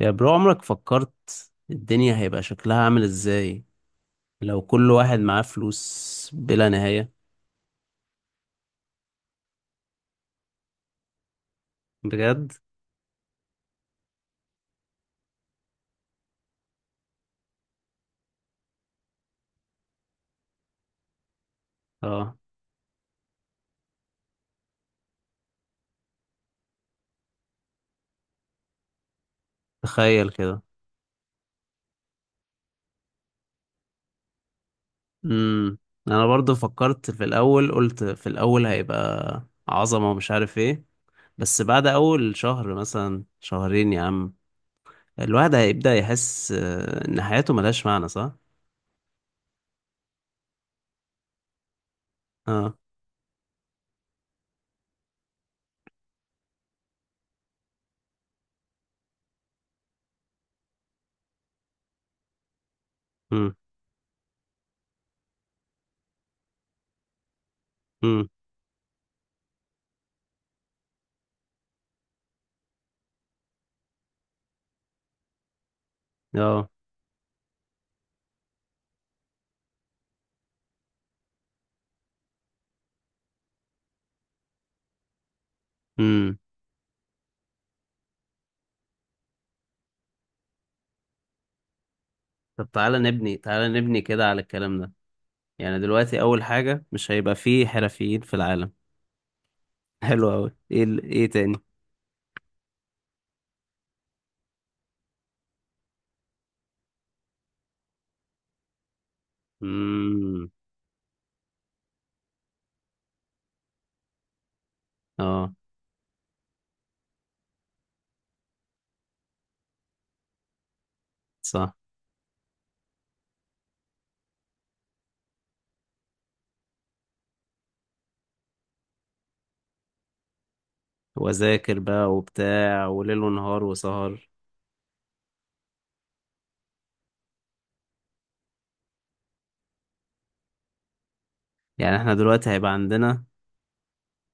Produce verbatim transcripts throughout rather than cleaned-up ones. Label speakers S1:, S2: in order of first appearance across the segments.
S1: يا برو، عمرك فكرت الدنيا هيبقى شكلها عامل ازاي لو كل واحد معاه فلوس بلا نهاية؟ بجد؟ اه، تخيل كده. امم انا برضو فكرت في الاول، قلت في الاول هيبقى عظمة ومش عارف ايه، بس بعد اول شهر مثلا، شهرين يا عم الواحد هيبدأ يحس آه، ان حياته ملهاش معنى، صح؟ اه. امم. امم. اه. امم طب تعالى نبني تعالى نبني كده على الكلام ده، يعني دلوقتي اول حاجة مش هيبقى فيه حرفيين في العالم. حلو اوي، ايه ال- ايه تاني؟ امم. اه. صح. وذاكر بقى وبتاع وليل ونهار وسهر. يعني احنا دلوقتي هيبقى عندنا،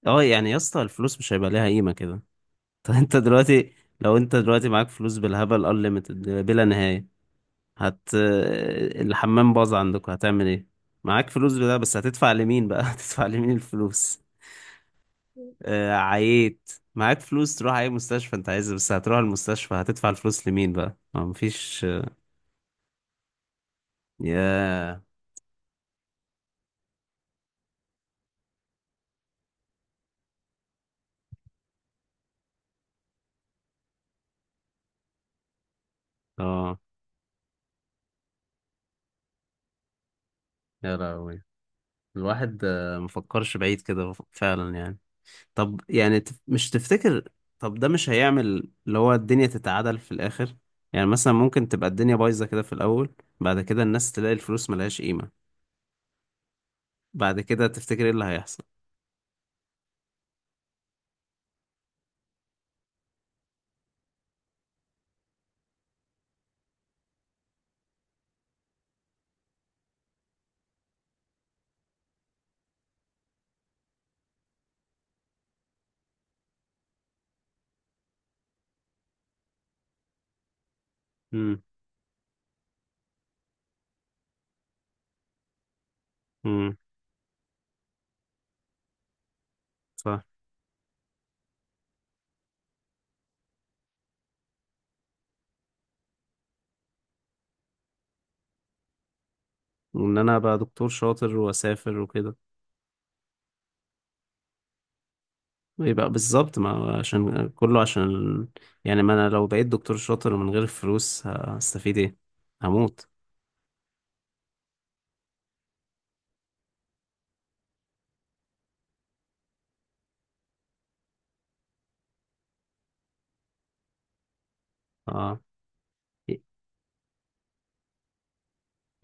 S1: اه، يعني يا اسطى الفلوس مش هيبقى ليها قيمة كده. طب انت دلوقتي، لو انت دلوقتي معاك فلوس بالهبل unlimited، بلا نهاية، هت الحمام باظ عندك، هتعمل ايه؟ معاك فلوس بده، بس هتدفع لمين بقى؟ هتدفع لمين الفلوس؟ آه، عييت، معاك فلوس تروح اي مستشفى انت عايزها، بس هتروح المستشفى هتدفع الفلوس لمين بقى؟ ما مفيش. يا اه. يا لهوي. الواحد آه، مفكرش بعيد كده، ف- فعلا يعني. طب يعني، تف- مش تفتكر طب ده مش هيعمل اللي هو الدنيا تتعادل في الاخر؟ يعني مثلا ممكن تبقى الدنيا بايظة كده في الاول، بعد كده الناس تلاقي الفلوس ملهاش قيمة، بعد كده تفتكر ايه اللي هيحصل؟ امم. امم. صح. وان انا ابقى دكتور شاطر واسافر وكده. يبقى بالظبط، ما هو عشان كله عشان ال- يعني ما انا لو بقيت دكتور شاطر من غير الفلوس هستفيد ايه؟ هموت. اه.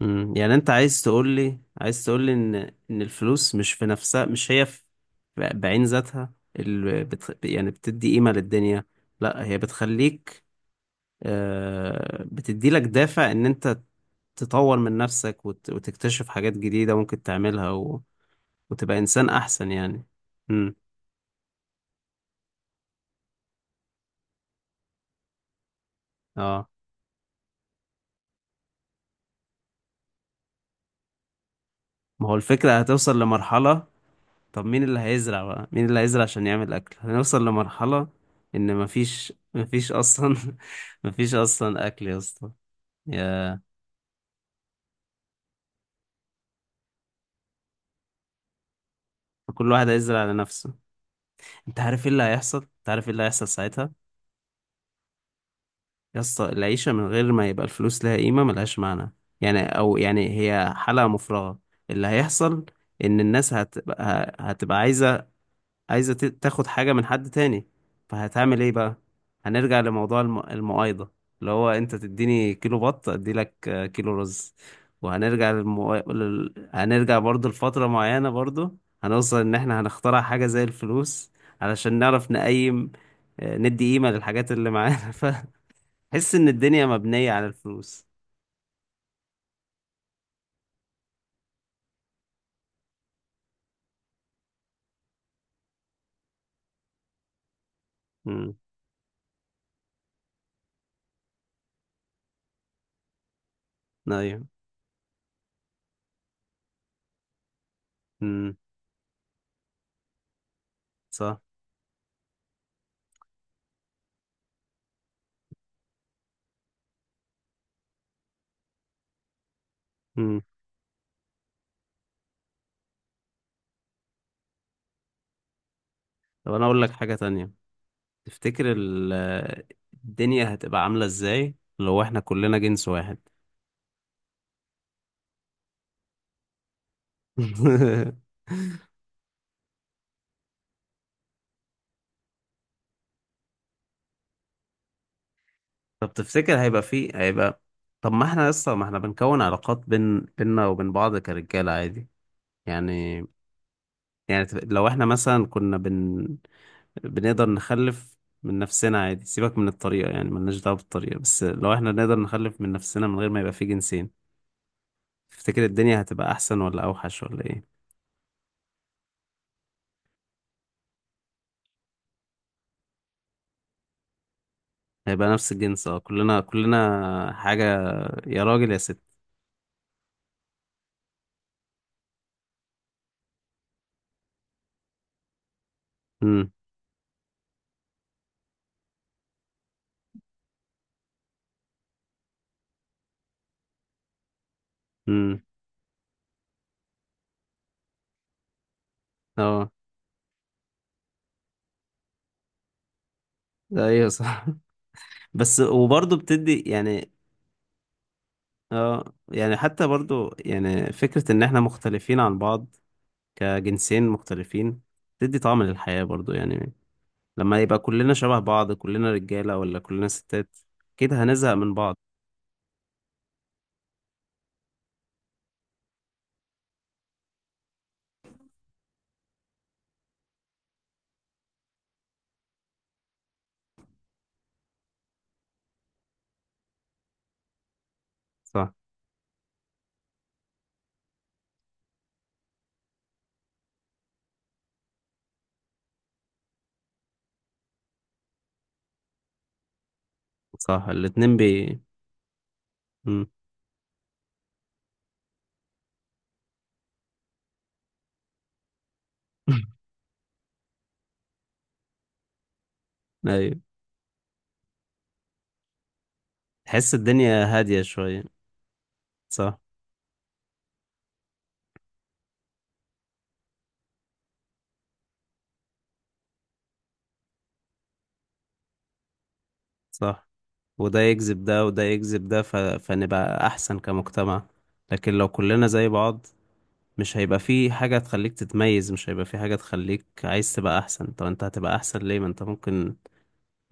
S1: أمم، يعني انت عايز تقول لي عايز تقول لي ان ان الفلوس مش في نفسها، مش هي في ب- بعين ذاتها اللي بت يعني بتدي قيمة للدنيا. لا، هي بتخليك، آه بتدي لك دافع ان انت تطور من نفسك وت وتكتشف حاجات جديدة ممكن تعملها، و وتبقى انسان احسن يعني. امم. اه. ما هو الفكرة هتوصل لمرحلة، طب مين اللي هيزرع بقى؟ مين اللي هيزرع عشان يعمل أكل؟ هنوصل لمرحلة إن مفيش مفيش أصلا. مفيش أصلا أكل يا اسطى. يا كل واحد هيزرع لنفسه. أنت عارف إيه اللي هيحصل أنت عارف إيه اللي هيحصل ساعتها؟ يا اسطى العيشة من غير ما يبقى الفلوس لها قيمة، ملهاش معنى. يعني، أو يعني هي حلقة مفرغة. اللي هيحصل إن الناس هتبقى هتبقى عايزة، عايزة ت- تاخد حاجة من حد تاني، فهتعمل ايه بقى؟ هنرجع لموضوع الم... المقايضة، اللي هو انت تديني كيلو بط اديلك آه، كيلو رز. وهنرجع للمو... لل... هنرجع برضو لفترة معينة، برضو هنوصل ان احنا هنخترع حاجة زي الفلوس علشان نعرف نقيم، آه، ندي قيمة للحاجات اللي معانا. فتحس ان الدنيا مبنية على الفلوس. امم. ايوه. امم. صح. امم. طب انا اقول لك حاجة تانية، تفتكر ال- الدنيا هتبقى عاملة ازاي لو احنا كلنا جنس واحد؟ طب تفتكر هيبقى فيه، هيبقى طب ما احنا لسه ما احنا بنكون علاقات بين بيننا وبين بعض كرجالة عادي يعني. يعني تف- لو احنا مثلا كنا بن بنقدر نخلف من نفسنا عادي، سيبك من الطريقة، يعني ملناش دعوة بالطريقة، بس لو احنا نقدر نخلف من نفسنا من غير ما يبقى فيه جنسين، تفتكر الدنيا هتبقى احسن ولا اوحش ولا ايه؟ هيبقى نفس الجنس، اه، كلنا كلنا حاجة، يا راجل يا ست. امم. امم. اه. ده، ايوه صح. بس وبرضه بتدي يعني، اه يعني حتى برضه يعني فكرة ان احنا مختلفين عن بعض كجنسين مختلفين بتدي طعم للحياة برضه يعني. لما يبقى كلنا شبه بعض، كلنا رجالة ولا كلنا ستات، كده هنزهق من بعض. صح. صح. الاتنين بي امم. ايوه، تحس الدنيا هادية شوية. صح. صح، وده يجذب ده وده يجذب ده، ف... فنبقى احسن كمجتمع. لكن لو كلنا زي بعض، مش هيبقى في حاجة تخليك تتميز، مش هيبقى في حاجة تخليك عايز تبقى أحسن. طب أنت هتبقى أحسن ليه، ما أنت ممكن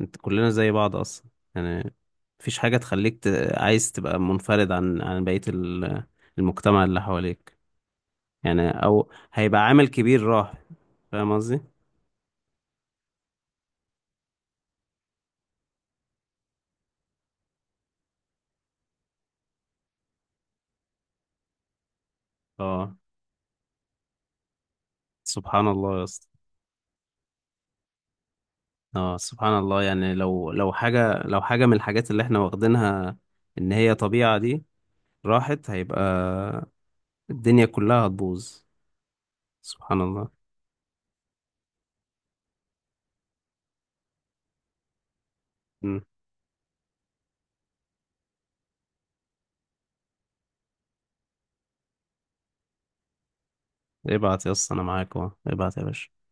S1: أنت كلنا زي بعض أصلا؟ يعني، مفيش حاجة تخليك ت... عايز تبقى منفرد عن عن بقية ال- المجتمع اللي حواليك، يعني. أو هيبقى عامل كبير راح. فاهم قصدي؟ اه، سبحان الله يا اسطى. اه سبحان الله، يعني لو لو حاجة، لو حاجة من الحاجات اللي احنا واخدينها إن هي طبيعة دي راحت، هيبقى الدنيا كلها هتبوظ. سبحان الله. ابعت يا اسطى، انا معاك اهو، ابعت يا باشا.